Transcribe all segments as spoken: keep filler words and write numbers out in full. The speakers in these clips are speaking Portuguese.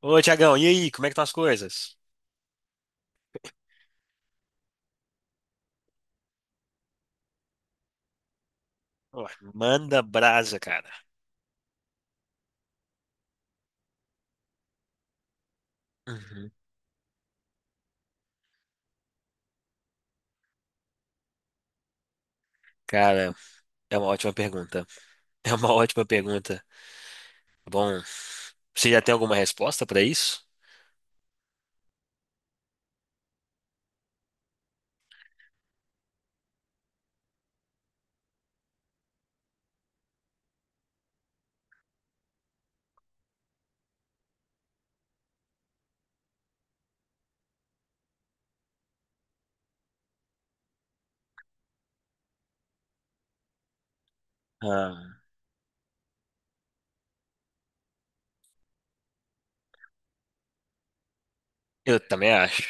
Ô, Tiagão, e aí, como é que estão as coisas? Ó, manda brasa, cara. Uhum. Cara, é uma ótima pergunta. É uma ótima pergunta. Tá bom, você já tem alguma resposta pra isso? Ah, eu também acho.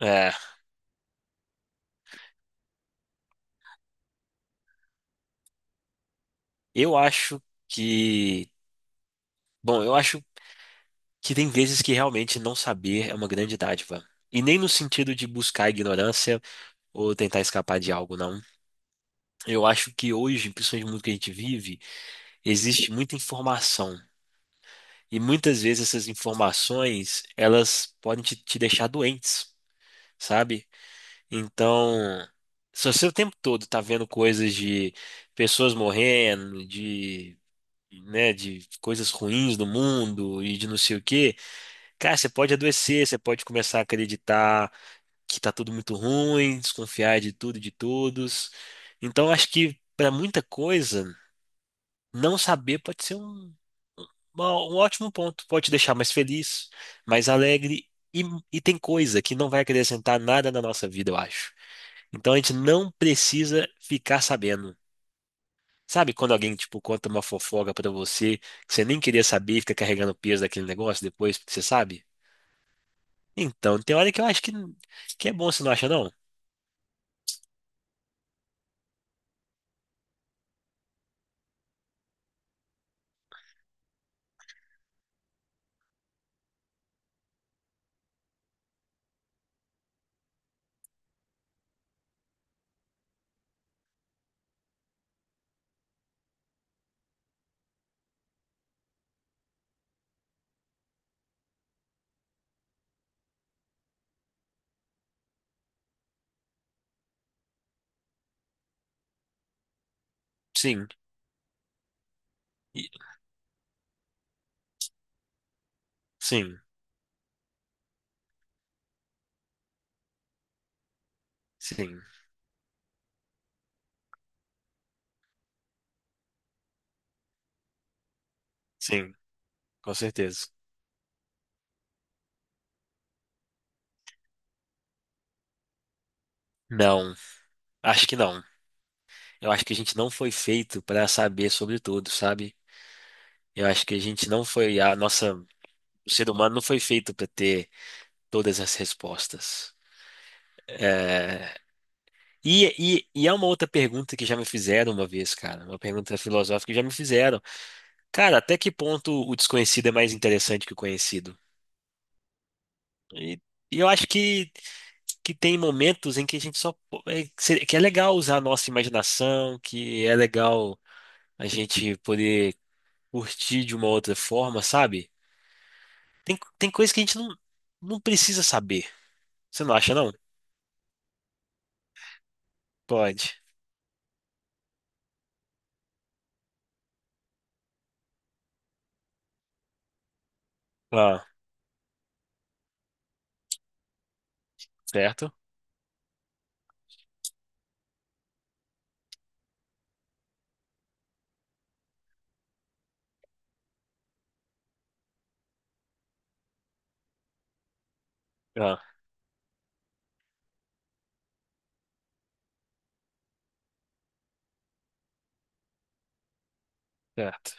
É, eu acho que. Bom, eu acho que tem vezes que realmente não saber é uma grande dádiva. E nem no sentido de buscar a ignorância ou tentar escapar de algo, não. Eu acho que hoje, principalmente no mundo que a gente vive, existe muita informação. E muitas vezes essas informações, elas podem te, te deixar doentes, sabe? Então, se você o tempo todo tá vendo coisas de pessoas morrendo, de, né, de coisas ruins no mundo e de não sei o quê, cara, você pode adoecer, você pode começar a acreditar que tá tudo muito ruim, desconfiar de tudo e de todos. Então, acho que para muita coisa, não saber pode ser um Uma- um ótimo ponto. Pode te deixar mais feliz, mais alegre. E, e tem coisa que não vai acrescentar nada na nossa vida, eu acho. Então a gente não precisa ficar sabendo. Sabe quando alguém, tipo, conta uma fofoca pra você, que você nem queria saber, fica carregando o peso daquele negócio depois, porque você sabe? Então, tem hora que eu acho que, que é bom, você não acha, não? Sim. E- Sim. Sim. Sim. Com certeza. Não. Acho que não. Eu acho que a gente não foi feito pra saber sobre tudo, sabe? Eu acho que a gente não foi, a nossa, o ser humano não foi feito para ter todas as respostas. E, e, e há uma outra pergunta que já me fizeram uma vez, cara, uma pergunta filosófica que já me fizeram. Cara, até que ponto o desconhecido é mais interessante que o conhecido? E, e eu acho que, que tem momentos em que a gente só, po- é, que se- que é legal usar a nossa imaginação, que é legal a gente poder curtir de uma outra forma, sabe? Tem, tem coisas que a gente não, não precisa saber. Você não acha, não? Pode. Ah, certo? Ah, certo.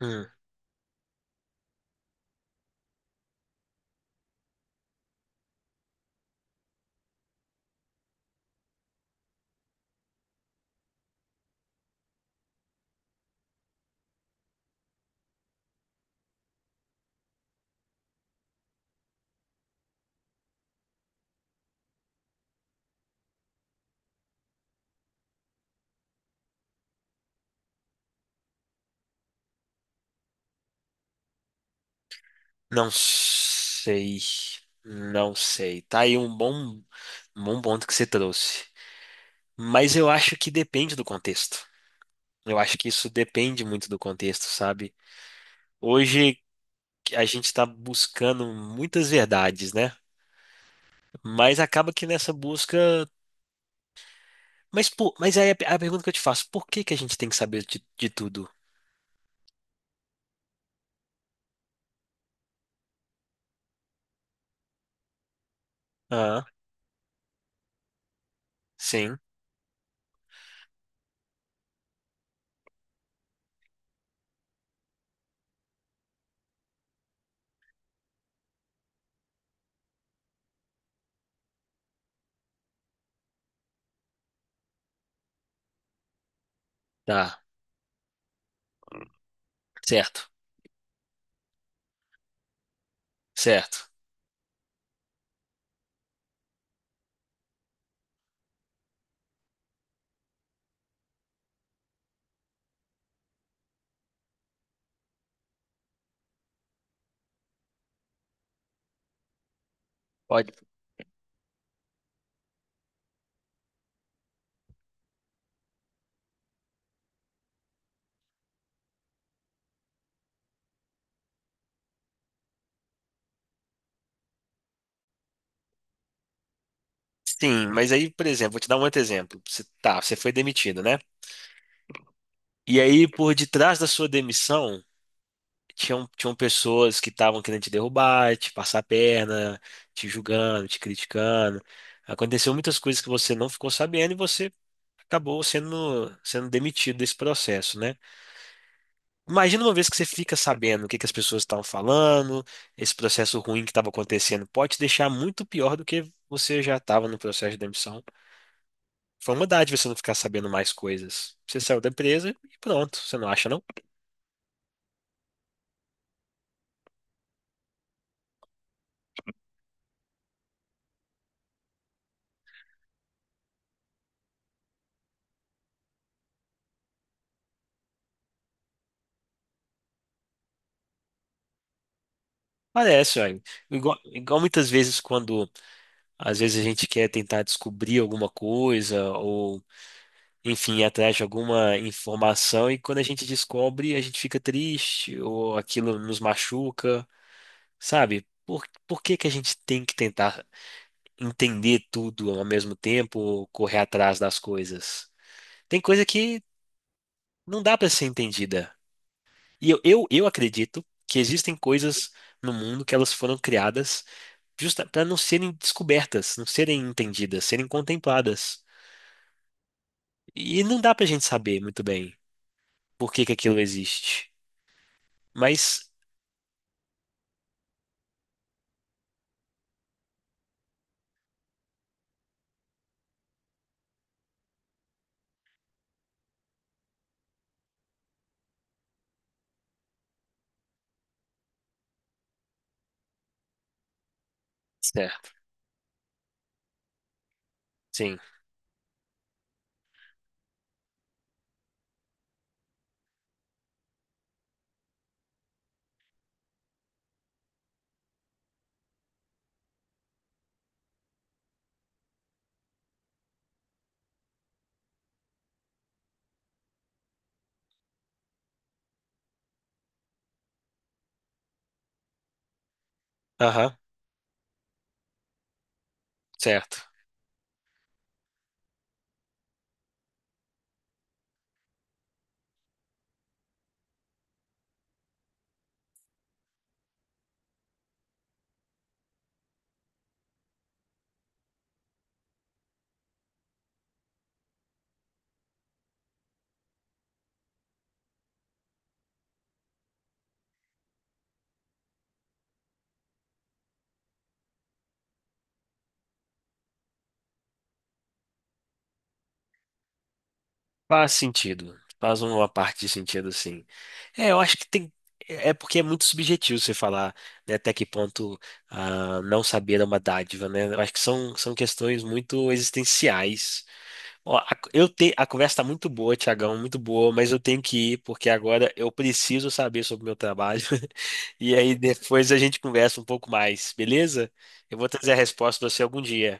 Hum, não sei. Não sei. Tá aí um bom, um bom ponto que você trouxe. Mas eu acho que depende do contexto. Eu acho que isso depende muito do contexto, sabe? Hoje a gente está buscando muitas verdades, né? Mas acaba que nessa busca. Mas, por, mas aí a, a pergunta que eu te faço, por que que a gente tem que saber de, de tudo? Ah, sim. Tá, certo, certo. Pode. Sim, mas aí, por exemplo, vou te dar um outro exemplo. Você, tá, você foi demitido, né? E aí, por detrás da sua demissão, tinham, tinham pessoas que estavam querendo te derrubar, te passar a perna, te julgando, te criticando. Aconteceu muitas coisas que você não ficou sabendo e você acabou sendo, sendo demitido desse processo, né? Imagina uma vez que você fica sabendo o que que as pessoas estavam falando, esse processo ruim que estava acontecendo, pode te deixar muito pior do que você já estava no processo de demissão. Foi uma dádiva você não ficar sabendo mais coisas. Você saiu da empresa e pronto, você não acha, não? Parece, olha. Igual, igual muitas vezes quando às vezes a gente quer tentar descobrir alguma coisa ou, enfim, ir atrás de alguma informação e quando a gente descobre, a gente fica triste ou aquilo nos machuca, sabe? Por, por que que a gente tem que tentar entender tudo ao mesmo tempo ou correr atrás das coisas? Tem coisa que não dá para ser entendida. E eu, eu, eu acredito que existem coisas no mundo que elas foram criadas justa para não serem descobertas, não serem entendidas, serem contempladas. E não dá pra gente saber muito bem por que que aquilo existe. Mas, certo, sim. Aham, certo. Faz sentido. Faz uma parte de sentido, sim. É, eu acho que tem. É porque é muito subjetivo você falar, né, até que ponto ah, não saber é uma dádiva, né? Eu acho que são, são questões muito existenciais. Ó, a, eu te, a conversa tá muito boa, Tiagão, muito boa, mas eu tenho que ir porque agora eu preciso saber sobre o meu trabalho. E aí depois a gente conversa um pouco mais, beleza? Eu vou trazer a resposta para você algum dia.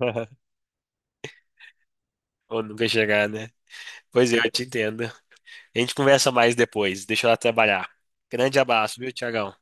Ou nunca chegar, né? Pois é, eu te entendo. A gente conversa mais depois. Deixa eu lá trabalhar. Grande abraço, viu, Tiagão?